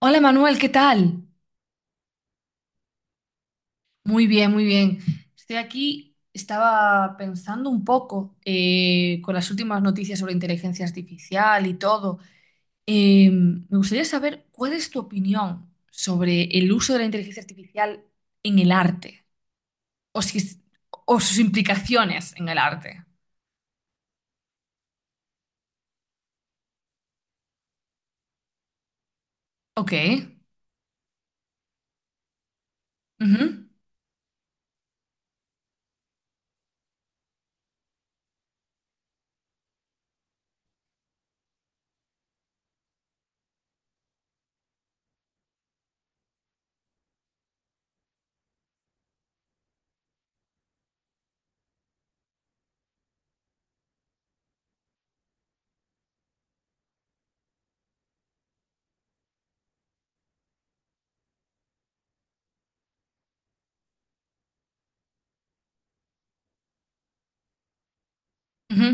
Hola Manuel, ¿qué tal? Muy bien, muy bien. Estoy aquí, estaba pensando un poco con las últimas noticias sobre inteligencia artificial y todo. Me gustaría saber cuál es tu opinión sobre el uso de la inteligencia artificial en el arte o, si es- o sus implicaciones en el arte. Ok. Ujú, ujú.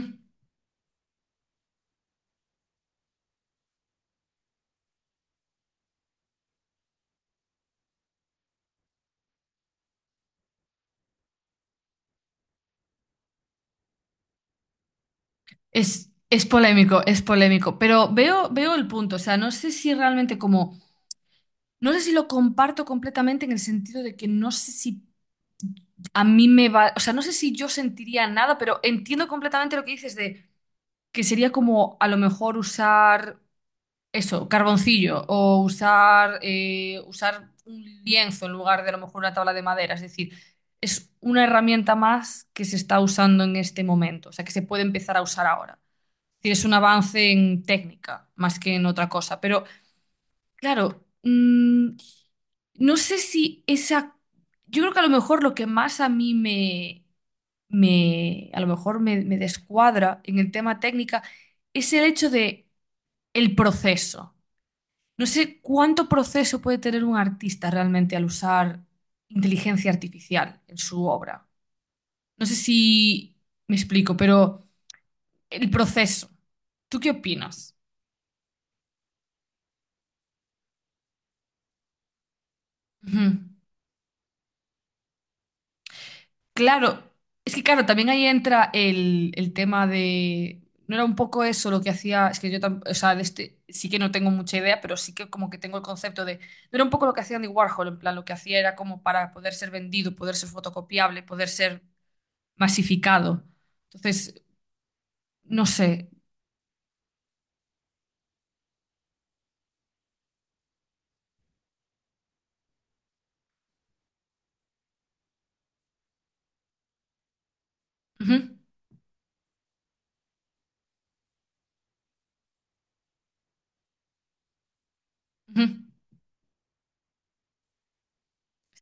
Es polémico, pero veo el punto. O sea, no sé si realmente como. No sé si lo comparto completamente en el sentido de que no sé si a mí me va, o sea, no sé si yo sentiría nada, pero entiendo completamente lo que dices de que sería como a lo mejor usar eso, carboncillo o usar un lienzo en lugar de a lo mejor una tabla de madera. Es decir, es una herramienta más que se está usando en este momento, o sea, que se puede empezar a usar ahora. Es decir, es un avance en técnica más que en otra cosa, pero. Claro, no sé si esa. Yo creo que a lo mejor lo que más a mí me a lo mejor me descuadra en el tema técnica es el hecho de el proceso. No sé cuánto proceso puede tener un artista realmente al usar inteligencia artificial en su obra. No sé si me explico, pero el proceso. ¿Tú qué opinas? Ujú. Claro, es que claro, también ahí entra el tema de. No era un poco eso lo que hacía, es que yo o sea, de este, sí que no tengo mucha idea, pero sí que como que tengo el concepto de. No era un poco lo que hacía Andy Warhol, en plan, lo que hacía era como para poder ser vendido, poder ser fotocopiable, poder ser masificado. Entonces, no sé. Ujú, ujú,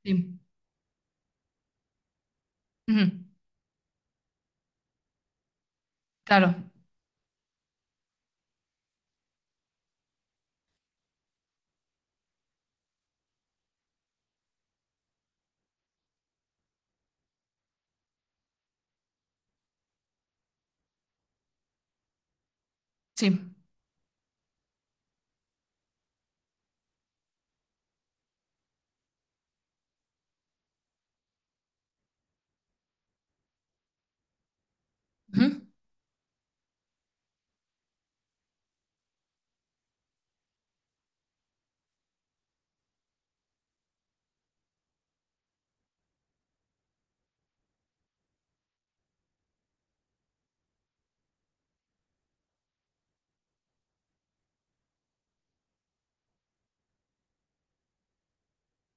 sí, ujú, claro, sí, ujú,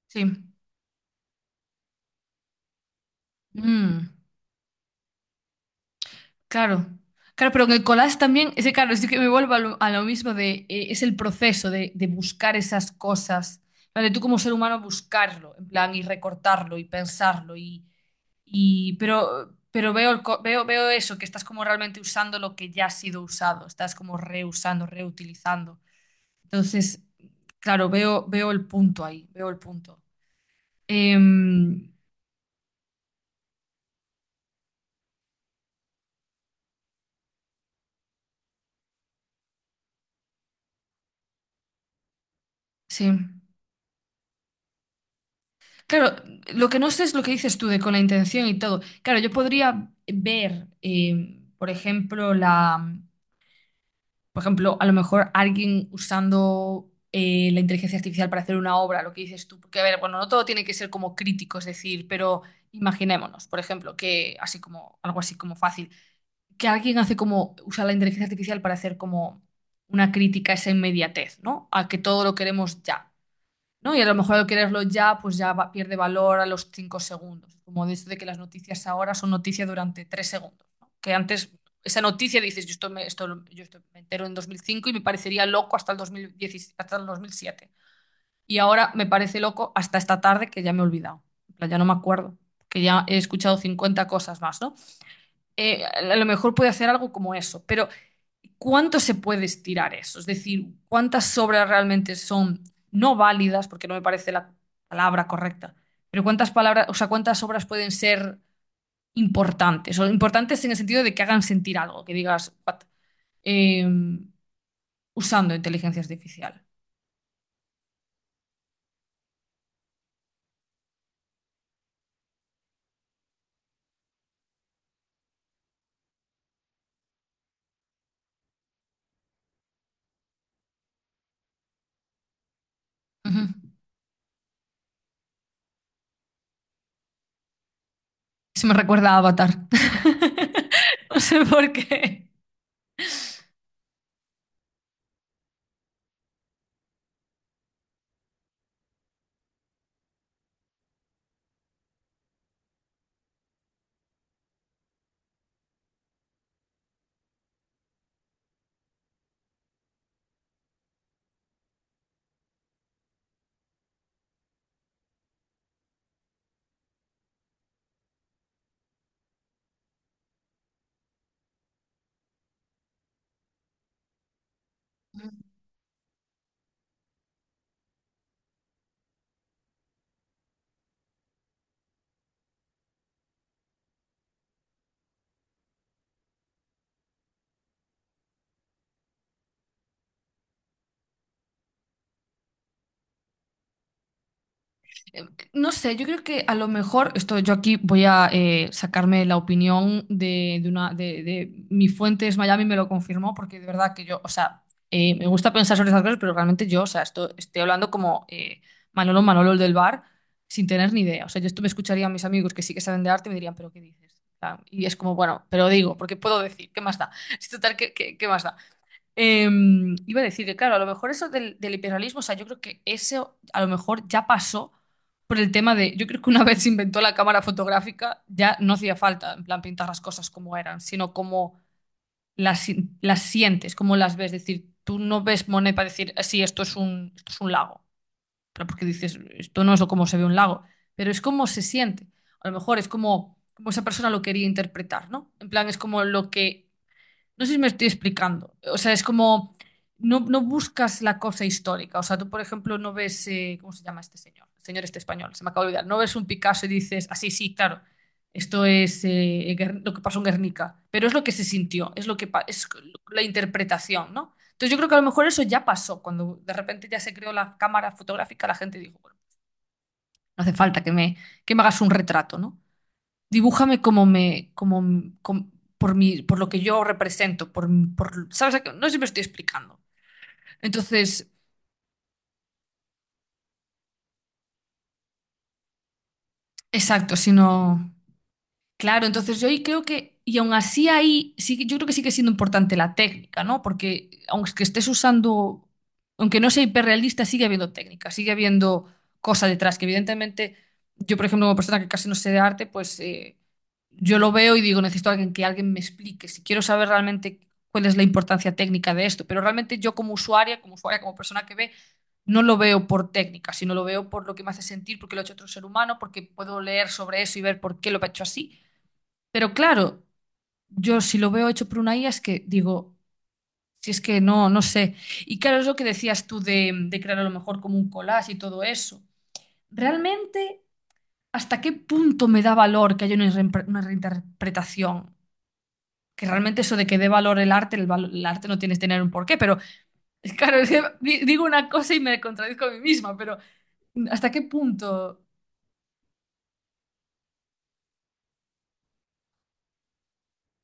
sí. Mm. Claro, claro, pero en el collage también, ese claro, es que me vuelvo a lo mismo de, es el proceso de buscar esas cosas, ¿vale? Tú como ser humano buscarlo, en plan, y recortarlo y pensarlo, y pero veo, veo eso, que estás como realmente usando lo que ya ha sido usado, estás como reusando, reutilizando. Entonces, claro, veo el punto ahí, veo el punto. Em, sí. Claro, lo que no sé es lo que dices tú de con la intención y todo. Claro, yo podría ver, por ejemplo, por ejemplo, a lo mejor alguien usando la inteligencia artificial para hacer una obra, lo que dices tú. Porque, a ver, bueno, no todo tiene que ser como crítico, es decir, pero imaginémonos, por ejemplo, que así como, algo así como fácil, que alguien hace como, usa la inteligencia artificial para hacer como una crítica a esa inmediatez, ¿no? A que todo lo queremos ya. ¿No? Y a lo mejor al quererlo ya, pues ya pierde valor a los 5 segundos. Como de eso de que las noticias ahora son noticia durante 3 segundos, ¿no? Que antes esa noticia dices, yo esto yo esto me entero en 2005 y me parecería loco hasta el 2010, hasta el 2007. Y ahora me parece loco hasta esta tarde que ya me he olvidado. En plan, ya no me acuerdo, que ya he escuchado 50 cosas más, ¿no? A lo mejor puede hacer algo como eso, pero ¿cuánto se puede estirar eso? Es decir, ¿cuántas obras realmente son no válidas, porque no me parece la palabra correcta, pero cuántas palabras, o sea, cuántas obras pueden ser importantes, o importantes en el sentido de que hagan sentir algo, que digas, "What?", eh, usando inteligencia artificial. Ujú. Se me recuerda a Avatar. No sé por qué. Eh, No sé, yo creo que a lo mejor, esto yo aquí voy a sacarme la opinión de una mi fuente es Miami, me lo confirmó, porque de verdad que yo, o sea, me gusta pensar sobre esas cosas, pero realmente yo, o sea, esto, estoy hablando como Manolo Manolo el del bar, sin tener ni idea. O sea, yo esto me escucharía a mis amigos que sí que saben de arte y me dirían, pero ¿qué dices? En plan, y es como, bueno, pero digo, porque puedo decir, ¿qué más da? Es total, ¿qué más da? Eh, iba a decir que, claro, a lo mejor eso del imperialismo, o sea, yo creo que eso a lo mejor ya pasó por el tema de, yo creo que una vez se inventó la cámara fotográfica, ya no hacía falta, en plan, pintar las cosas como eran, sino como las, si- las sientes, como las ves, es decir, tú no ves Monet para decir, "Ah, sí, esto es un lago, pero porque dices, esto no es como se ve un lago, pero es como se siente, a lo mejor es como, esa persona lo quería interpretar, ¿no? En plan, es como lo que no sé si me estoy explicando. O sea, es como, no, no buscas la cosa histórica. O sea, tú, por ejemplo, no ves, ¿cómo se llama este señor? El señor este español, se me acaba de olvidar. No ves un Picasso y dices, así, sí, sí, claro, esto es lo que pasó en Guernica. Pero es lo que se sintió, es lo que pa- es la interpretación, ¿no? Entonces yo creo que a lo mejor eso ya pasó. Cuando de repente ya se creó la cámara fotográfica, la gente dijo, bueno, no hace falta que me, hagas un retrato, ¿no? Dibújame como por mi, por lo que yo represento, por, ¿sabes? A qué? No siempre estoy explicando. Entonces, exacto, sino claro, entonces yo ahí creo que, y aún así ahí, sí, yo creo que sigue siendo importante la técnica, ¿no? Porque aunque estés usando, aunque no sea hiperrealista, sigue habiendo técnica, sigue habiendo cosa detrás, que evidentemente yo, por ejemplo, como persona que casi no sé de arte, pues yo lo veo y digo, necesito a alguien que alguien me explique, si quiero saber realmente cuál es la importancia técnica de esto, pero realmente yo como usuaria, como persona que ve, no lo veo por técnica, sino lo veo por lo que me hace sentir, porque lo ha hecho otro ser humano, porque puedo leer sobre eso y ver por qué lo ha hecho así. Pero claro, yo si lo veo hecho por una IA es que digo, si es que no, no sé. Y claro, es lo que decías tú de crear a lo mejor como un collage y todo eso. ¿Realmente hasta qué punto me da valor que haya una reinterpretación? Que realmente eso de que dé valor el arte, el arte no tienes que tener un porqué, pero claro, es que digo una cosa y me contradizco a mí misma, pero ¿hasta qué punto?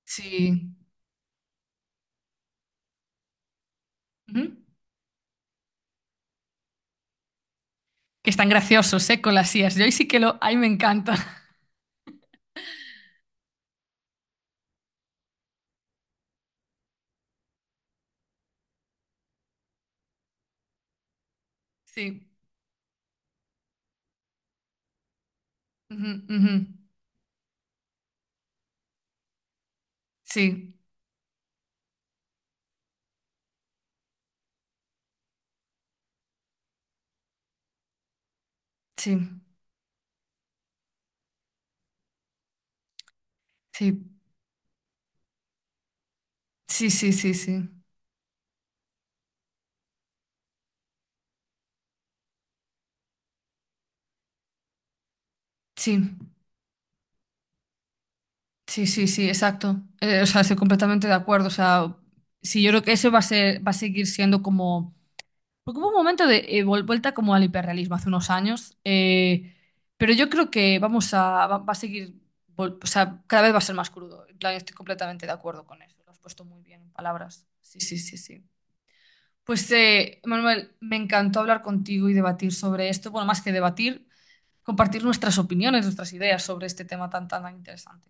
Sí. Ujú. Que están graciosos, ¿eh? Con las IAs. Yo ahí sí que ahí me encanta. Sí. Ujú, ujú. Sí, sí, sí, sí, sí, sí, sí, sí, sí, sí, sí, exacto. O sea, estoy completamente de acuerdo. O sea, sí, yo creo que eso va a seguir siendo como. Porque hubo un momento de vuelta como al hiperrealismo hace unos años. Pero yo creo que vamos a. Va a seguir. O sea, cada vez va a ser más crudo. En plan, estoy completamente de acuerdo con eso. Lo has puesto muy bien en palabras. Sí, sí, sí, sí. Pues, Manuel, me encantó hablar contigo y debatir sobre esto. Bueno, más que debatir, compartir nuestras opiniones, nuestras ideas sobre este tema tan, tan, tan interesante.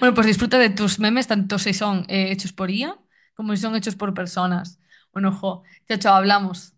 Bueno, pues disfruta de tus memes, tanto si son hechos por IA como si son hechos por personas. Bueno, ojo, chao, chao, hablamos.